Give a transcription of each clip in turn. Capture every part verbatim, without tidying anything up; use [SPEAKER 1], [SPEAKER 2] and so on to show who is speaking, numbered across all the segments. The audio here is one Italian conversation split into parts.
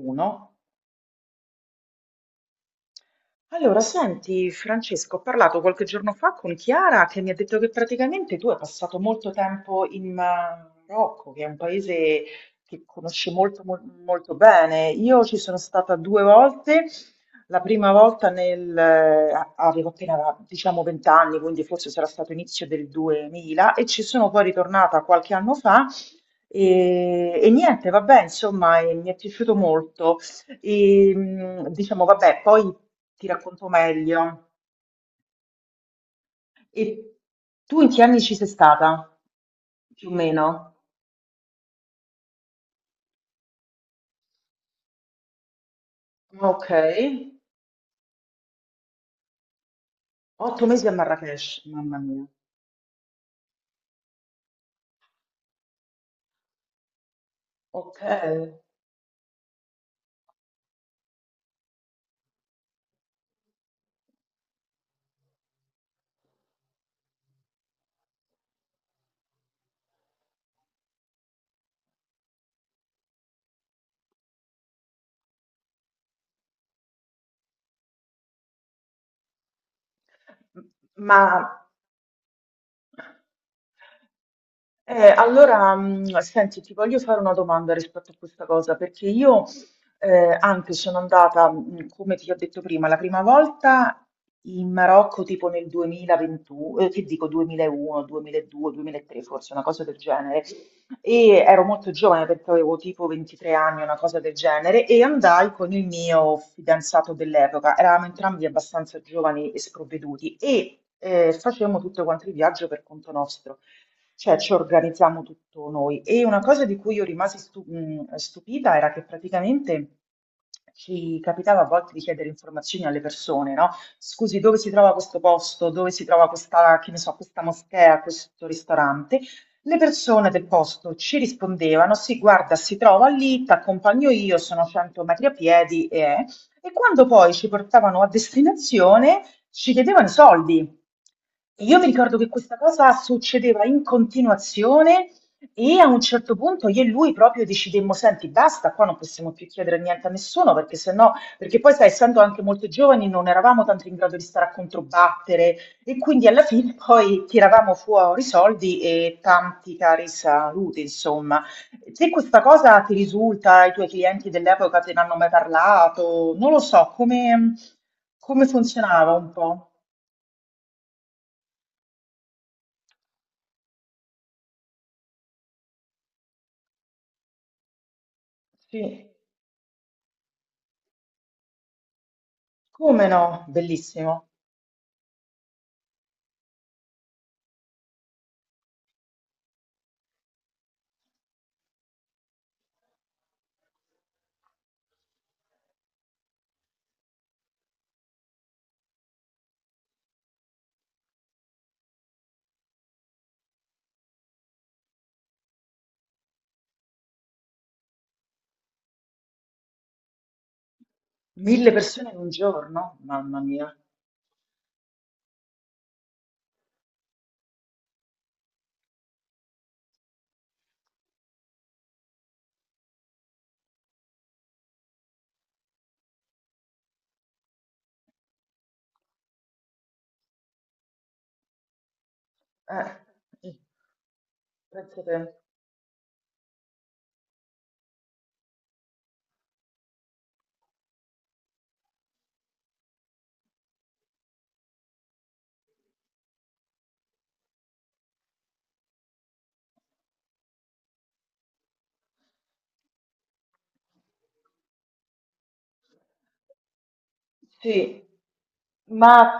[SPEAKER 1] Uno. Allora, senti, Francesco, ho parlato qualche giorno fa con Chiara che mi ha detto che praticamente tu hai passato molto tempo in eh, Marocco, che è un paese che conosci molto, mol- molto bene. Io ci sono stata due volte. La prima volta nel, eh, a- avevo appena, diciamo, venti anni, quindi forse sarà stato inizio del duemila, e ci sono poi ritornata qualche anno fa. E, e niente, vabbè, insomma, e mi è piaciuto molto. E, mhmm, diciamo vabbè, poi ti racconto meglio. E tu in che anni ci sei stata? Più o meno? Okay. otto mesi a Marrakech, mamma mia. Okay. M ma Eh, allora, mh, senti, ti voglio fare una domanda rispetto a questa cosa, perché io eh, anche sono andata, mh, come ti ho detto prima, la prima volta in Marocco tipo nel duemilaventuno, eh, che dico duemilauno, duemiladue, duemilatré, forse una cosa del genere, e ero molto giovane perché avevo tipo ventitré anni, una cosa del genere, e andai con il mio fidanzato dell'epoca, eravamo entrambi abbastanza giovani e sprovveduti, e eh, facemmo tutto quanto il viaggio per conto nostro. Cioè ci organizziamo tutto noi. E una cosa di cui io rimasi stu- mh, stupita era che praticamente ci capitava a volte di chiedere informazioni alle persone, no? Scusi, dove si trova questo posto? Dove si trova questa, che ne so, questa moschea, questo ristorante? Le persone del posto ci rispondevano, sì, guarda, si trova lì, ti accompagno io, sono cento metri a piedi e. E quando poi ci portavano a destinazione, ci chiedevano i soldi. Io mi ricordo che questa cosa succedeva in continuazione e a un certo punto io e lui proprio decidemmo, senti, basta, qua non possiamo più chiedere niente a nessuno, perché se no, perché poi sai, essendo anche molto giovani non eravamo tanto in grado di stare a controbattere e quindi alla fine poi tiravamo fuori i soldi e tanti cari saluti, insomma. Se questa cosa ti risulta, ai tuoi clienti dell'epoca te ne hanno mai parlato, non lo so, come, come funzionava un po'? Sì, come no? Bellissimo. Mille sì, persone in un giorno? Mamma mia. eh, Eh, Penso te. Sì. Ma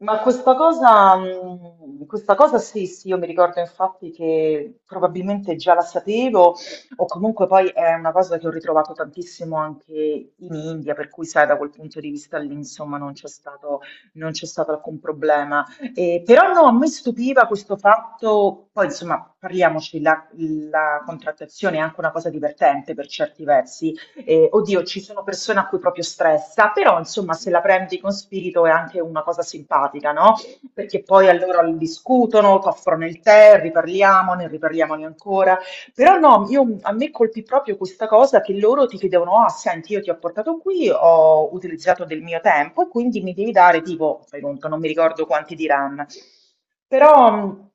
[SPEAKER 1] Ma questa cosa, mh, questa cosa sì, sì, io mi ricordo infatti che probabilmente già la sapevo, o comunque poi è una cosa che ho ritrovato tantissimo anche in India, per cui sai, da quel punto di vista lì, insomma, non c'è stato, non c'è stato alcun problema. Eh, però no, a me stupiva questo fatto, poi insomma, parliamoci, la, la contrattazione è anche una cosa divertente per certi versi. Eh, oddio, ci sono persone a cui proprio stressa, però insomma se la prendi con spirito è anche una cosa simpatica, no? Perché poi allora discutono, ti offrono il tè, riparliamone, riparliamone ancora. Però no, io- a me colpì proprio questa cosa che loro ti chiedevano, ah, senti, io ti ho portato qui, ho utilizzato del mio tempo e quindi mi devi dare tipo, fai conto, non mi ricordo quanti diranno. Però, mh,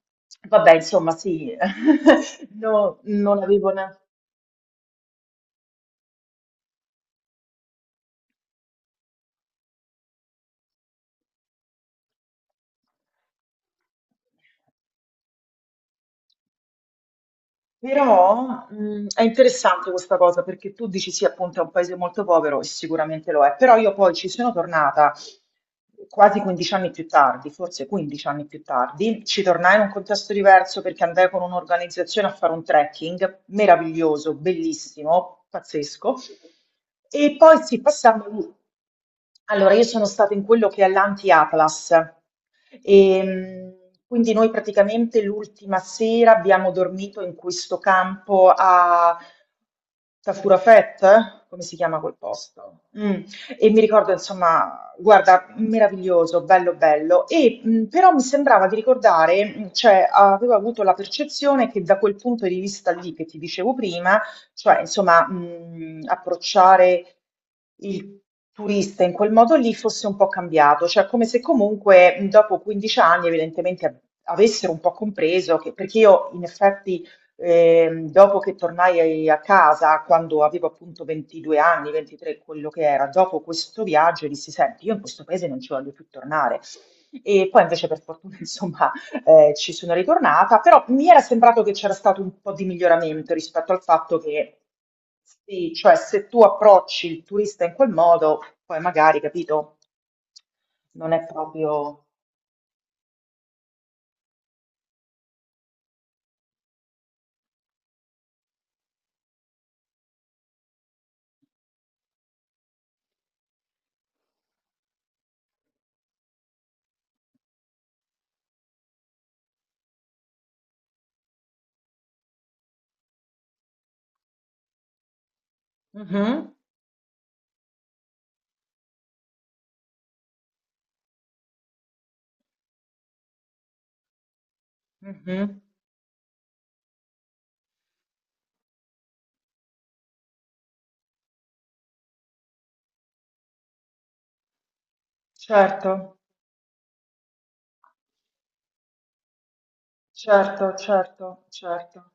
[SPEAKER 1] vabbè, insomma, sì, no, non avevo neanche. Però mh, è interessante questa cosa perché tu dici sì, appunto è un paese molto povero e sicuramente lo è, però io poi ci sono tornata quasi quindici anni più tardi, forse quindici anni più tardi, ci tornai in un contesto diverso perché andai con un'organizzazione a fare un trekking meraviglioso, bellissimo, pazzesco. E poi sì, passammo lì. Allora, io sono stata in quello che è l'anti-Atlas. E, mh, quindi noi praticamente l'ultima sera abbiamo dormito in questo campo a Tafurafet, come si chiama quel posto? Mm. E mi ricordo, insomma, guarda, meraviglioso, bello, bello. E mh, però mi sembrava di ricordare, mh, cioè avevo avuto la percezione che da quel punto di vista lì che ti dicevo prima, cioè, insomma, mhmm, approcciare il turista in quel modo lì fosse un po' cambiato, cioè come se comunque, mhmm, dopo quindici anni evidentemente av avessero un po' compreso che perché io in effetti, ehm, dopo che tornai ai- a casa, quando avevo appunto ventidue anni, ventitré, quello che era, dopo questo viaggio dissi: "Senti, io in questo paese non ci voglio più tornare". E poi invece per fortuna insomma eh, ci sono ritornata, però mi era sembrato che c'era stato un po' di miglioramento rispetto al fatto che sì, cioè se tu approcci il turista in quel modo, poi magari, capito, non è proprio. Mhm, mhm. Certo, certo, certo, certo.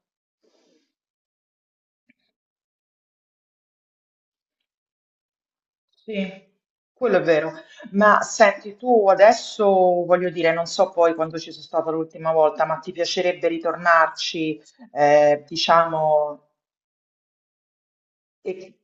[SPEAKER 1] Sì, quello è vero. Ma senti, tu adesso, voglio dire, non so poi quando ci sono stata l'ultima volta, ma ti piacerebbe ritornarci, eh, diciamo. e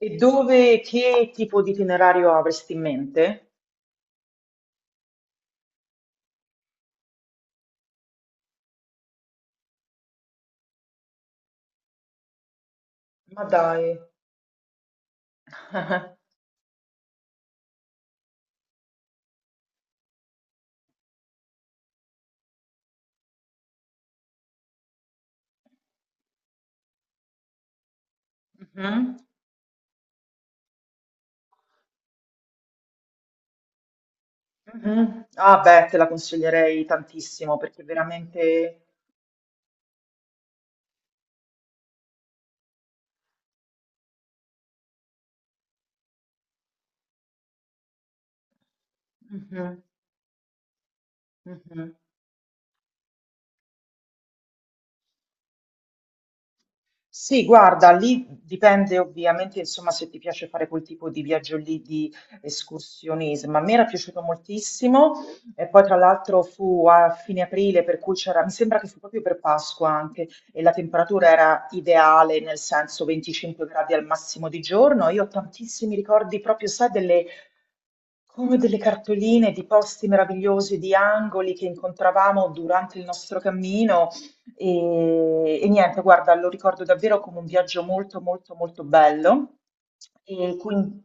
[SPEAKER 1] E dove, che tipo di itinerario avresti in mente? Ma dai. Mhm, mhm. Ah beh, te la consiglierei tantissimo perché veramente. Mhm, mhm. Sì, guarda, lì dipende ovviamente, insomma, se ti piace fare quel tipo di viaggio lì di escursionismo. A me era piaciuto moltissimo e poi tra l'altro fu a fine aprile, per cui c'era, mi sembra che fu proprio per Pasqua anche, e la temperatura era ideale, nel senso venticinque gradi al massimo di giorno. Io ho tantissimi ricordi proprio, sai, delle come delle cartoline di posti meravigliosi, di angoli che incontravamo durante il nostro cammino e, e niente, guarda, lo ricordo davvero come un viaggio molto, molto, molto bello. E quindi,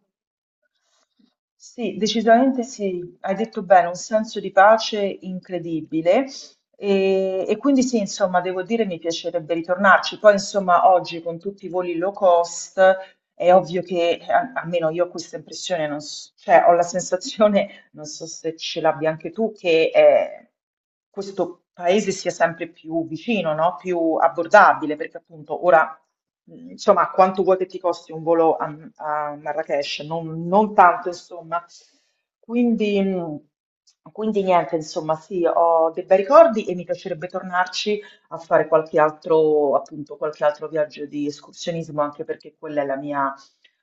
[SPEAKER 1] sì, decisamente sì, hai detto bene, un senso di pace incredibile. E, e quindi sì, insomma, devo dire mi piacerebbe ritornarci. Poi, insomma, oggi con tutti i voli low cost è ovvio che, eh, a- almeno io ho questa impressione, non s- cioè ho la sensazione non so se ce l'abbia anche tu, che eh, questo paese sia sempre più vicino, no? Più abbordabile, perché appunto ora, mh, insomma, quanto vuoi che ti costi un volo a, a Marrakech? Non, non tanto, insomma. Quindi, mh, quindi niente, insomma, sì, ho dei bei ricordi e mi piacerebbe tornarci a fare qualche altro, appunto, qualche altro viaggio di escursionismo, anche perché quella è la mia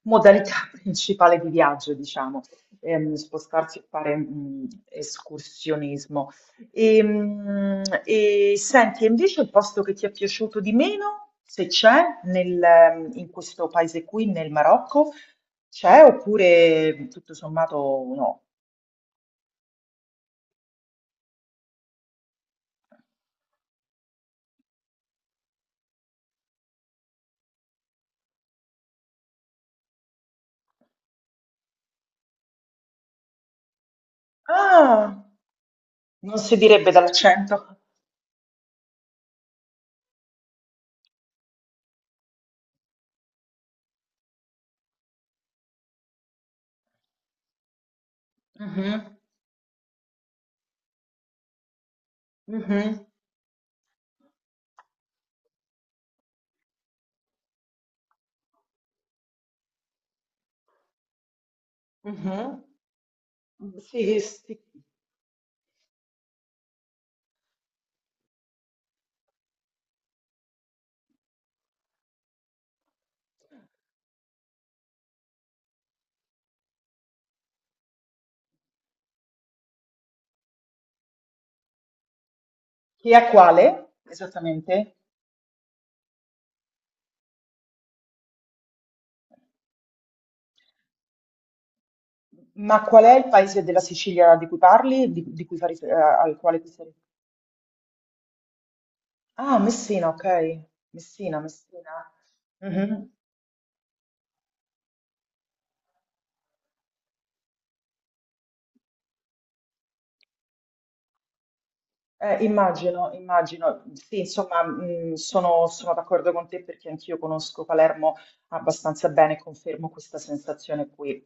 [SPEAKER 1] modalità principale di viaggio, diciamo ehm, spostarsi e fare mh, escursionismo. E, mh, e senti, e invece il posto che ti è piaciuto di meno, se c'è, nel, ehm, in questo paese qui, nel Marocco, c'è oppure tutto sommato no? Ah, non si direbbe dall'accento. Mhm, mhm, mhm. Sì, sì. Chi è quale esattamente? Ma qual è il paese della Sicilia di cui parli, di, di cui fai rifer- eh, al quale ti sei. Ah, Messina, ok. Messina, Messina. Mhm. Eh, immagino, immagino. Sì, insomma, mh, sono, sono d'accordo con te perché anch'io conosco Palermo abbastanza bene e confermo questa sensazione qui.